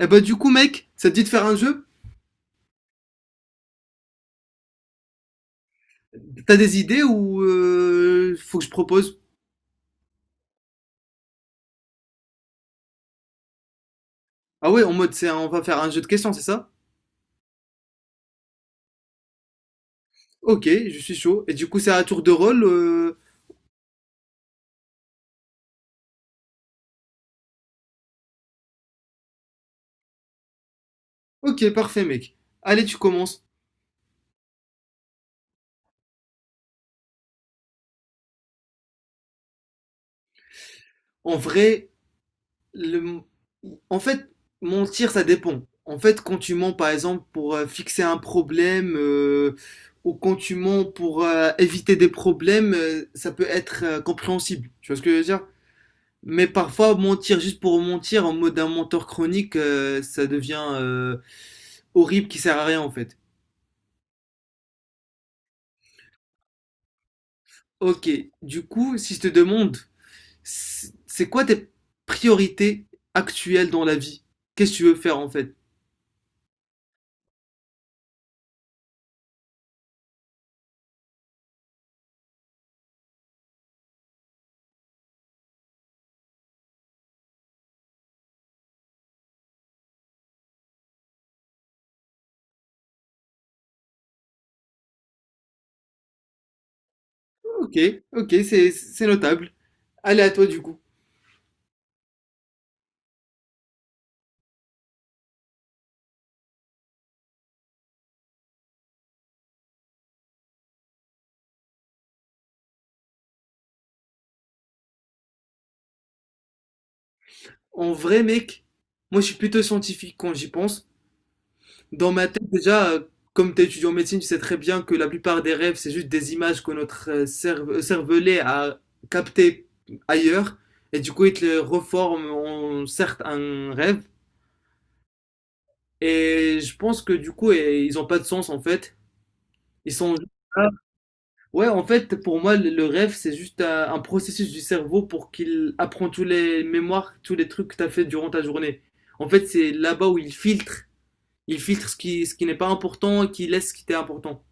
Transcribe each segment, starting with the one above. Eh bah, du coup, mec, ça te dit de faire un jeu? T'as des idées ou faut que je propose? Ah ouais, en mode, c'est, on va faire un jeu de questions, c'est ça? Ok, je suis chaud. Et du coup, c'est à tour de rôle. Ok, parfait, mec. Allez, tu commences. En vrai, le... en fait, mentir, ça dépend. En fait, quand tu mens, par exemple, pour fixer un problème, ou quand tu mens pour éviter des problèmes, ça peut être compréhensible. Tu vois ce que je veux dire? Mais parfois, mentir juste pour mentir en mode un menteur chronique, ça devient horrible qui sert à rien en fait. Ok, du coup, si je te demande, c'est quoi tes priorités actuelles dans la vie? Qu'est-ce que tu veux faire en fait? Ok, ok, c'est notable. Allez à toi du coup. En vrai, mec, moi je suis plutôt scientifique quand j'y pense. Dans ma tête, déjà, comme tu es étudiant en médecine, tu sais très bien que la plupart des rêves, c'est juste des images que notre cervelet a captées ailleurs. Et du coup, il te les reforme en certes un rêve. Et je pense que du coup, ils n'ont pas de sens en fait. Ils sont juste là. Ouais, en fait, pour moi, le rêve, c'est juste un processus du cerveau pour qu'il apprend tous les mémoires, tous les trucs que tu as fait durant ta journée. En fait, c'est là-bas où il filtre. Il filtre ce qui n'est pas important et qui laisse ce qui était important.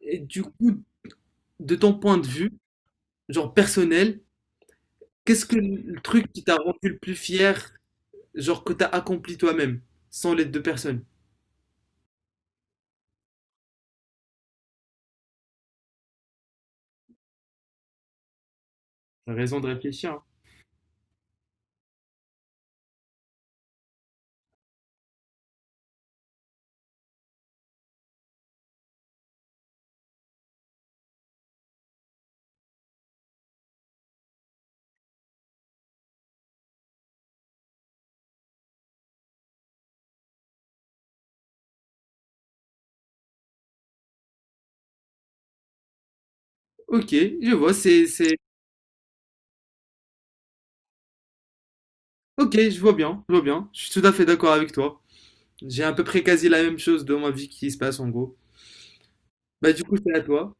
Et du coup, de ton point de vue, genre personnel, qu'est-ce que le truc qui t'a rendu le plus fier, genre que t'as accompli toi-même, sans l'aide de personne? T'as raison de réfléchir. Hein. Ok, je vois, c'est. Ok, je vois bien, je vois bien. Je suis tout à fait d'accord avec toi. J'ai à peu près quasi la même chose dans ma vie qui se passe en gros. Bah du coup, c'est à toi.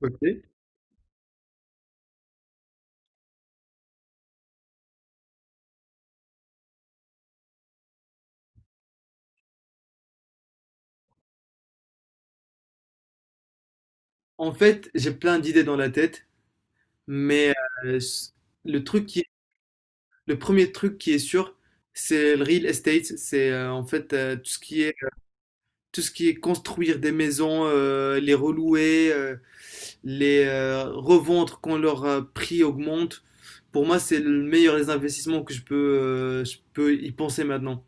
Ok. En fait, j'ai plein d'idées dans la tête, mais euh, s- le truc qui, le premier truc qui est sûr, c'est le real estate. C'est en fait tout ce qui est construire des maisons, les relouer, les revendre quand leur prix augmente, pour moi, c'est le meilleur des investissements que je peux y penser maintenant.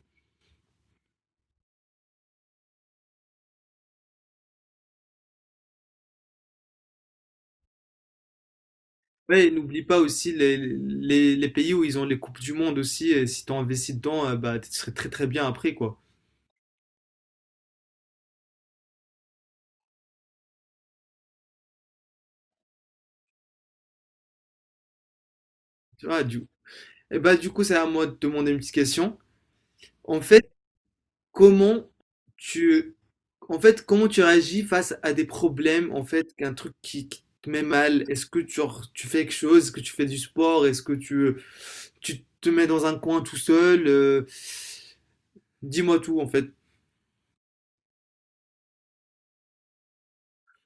Ouais, et n'oublie pas aussi les pays où ils ont les Coupes du Monde aussi, et si tu investis dedans, bah, tu serais très très bien après, quoi. Tu vois. Et bah, du coup, c'est à moi de te demander une petite question. En fait, Comment tu en fait, comment tu réagis face à des problèmes, en fait, qu'un truc qui te met mal? Est-ce que tu genre, tu fais quelque chose? Est-ce que tu fais du sport? Est-ce que tu te mets dans un coin tout seul? Dis-moi tout, en fait.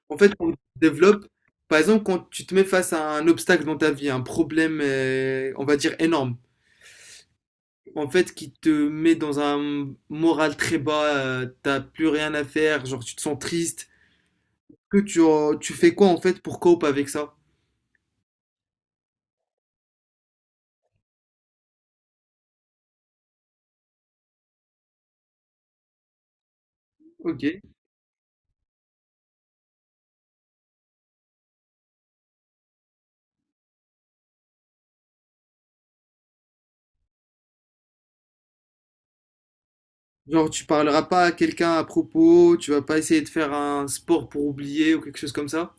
En fait, quand tu développes par exemple, quand tu te mets face à un obstacle dans ta vie, un problème, on va dire énorme, en fait, qui te met dans un moral très bas, tu plus rien à faire, genre tu te sens triste, que tu fais quoi, en fait, pour cope avec ça? Ok. Genre, tu parleras pas à quelqu'un à propos, tu vas pas essayer de faire un sport pour oublier ou quelque chose comme ça.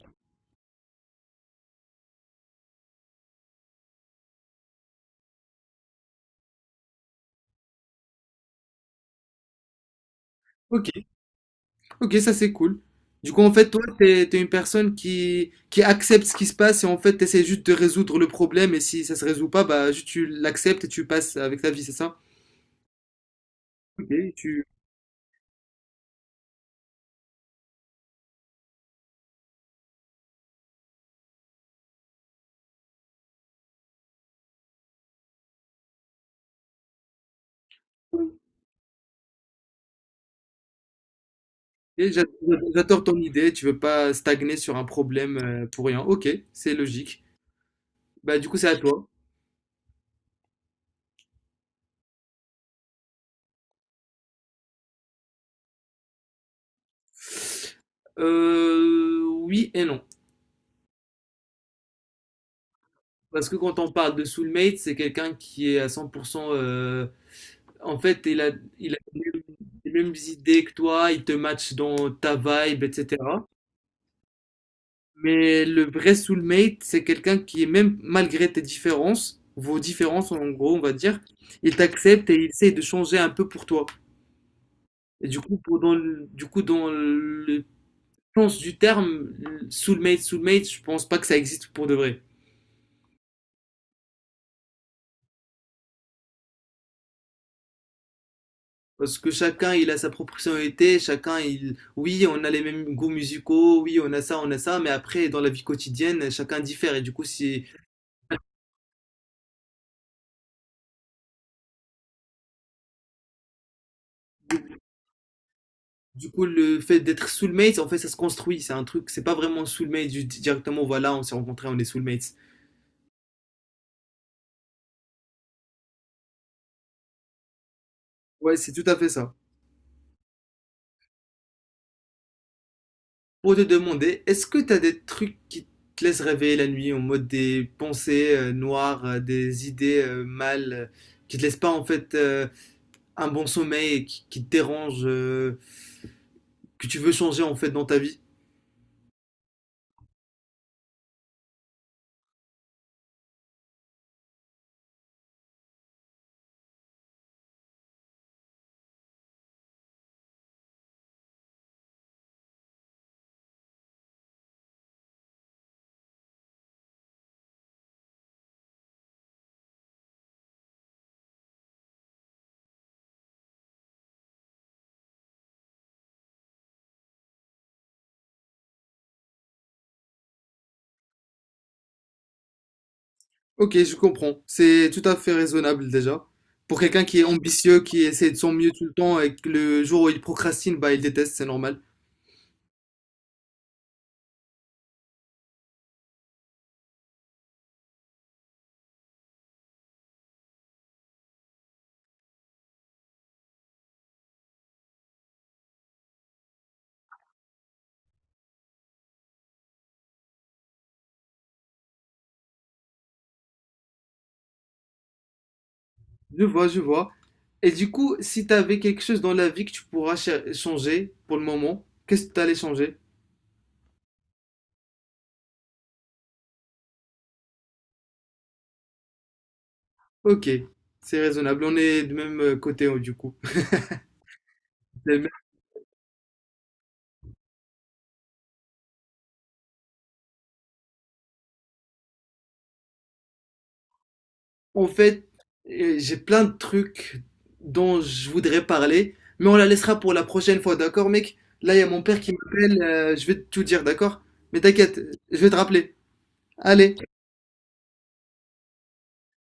Ok, ok, ça c'est cool. Du coup, en fait, toi, t'es une personne qui accepte ce qui se passe et en fait, t'essaies juste de résoudre le problème et si ça se résout pas, bah, juste tu l'acceptes et tu passes avec ta vie, c'est ça? Ok, tu, ok, j'a- j'adore ton idée, tu veux pas stagner sur un problème pour rien. Ok, c'est logique. Bah, du coup, c'est à toi. Oui et non. Parce que quand on parle de soulmate, c'est quelqu'un qui est à 100%. En fait, il a les mêmes idées que toi, il te match dans ta vibe, etc. Mais le vrai soulmate, c'est quelqu'un qui est même malgré tes différences, vos différences en gros, on va dire, il t'accepte et il essaie de changer un peu pour toi. Et du coup, du coup, dans le sens du terme, soulmate, soulmate, je pense pas que ça existe pour de vrai. Parce que chacun, il a sa propre personnalité. Oui, on a les mêmes goûts musicaux, oui, on a ça, mais après, dans la vie quotidienne, chacun diffère. Et du coup. Du coup, le fait d'être soulmates, en fait, ça se construit. C'est un truc, c'est pas vraiment soulmate, directement, voilà, on s'est rencontrés, on est soulmates. Ouais, c'est tout à fait ça. Pour te demander, est-ce que t'as des trucs qui te laissent rêver la nuit, en mode des pensées noires, des idées mal, qui te laissent pas, en fait, un bon sommeil, et qui te dérangent que tu veux changer en fait dans ta vie. Ok, je comprends. C'est tout à fait raisonnable déjà. Pour quelqu'un qui est ambitieux, qui essaie de son mieux tout le temps et que le jour où il procrastine, bah il déteste, c'est normal. Je vois, je vois. Et du coup, si t'avais quelque chose dans la vie que tu pourras changer pour le moment, qu'est-ce que t'allais changer? Ok, c'est raisonnable. On est du même côté du coup. C'est le En fait, j'ai plein de trucs dont je voudrais parler, mais on la laissera pour la prochaine fois, d'accord, mec? Là, il y a mon père qui m'appelle, je vais tout dire, d'accord? Mais t'inquiète, je vais te rappeler. Allez.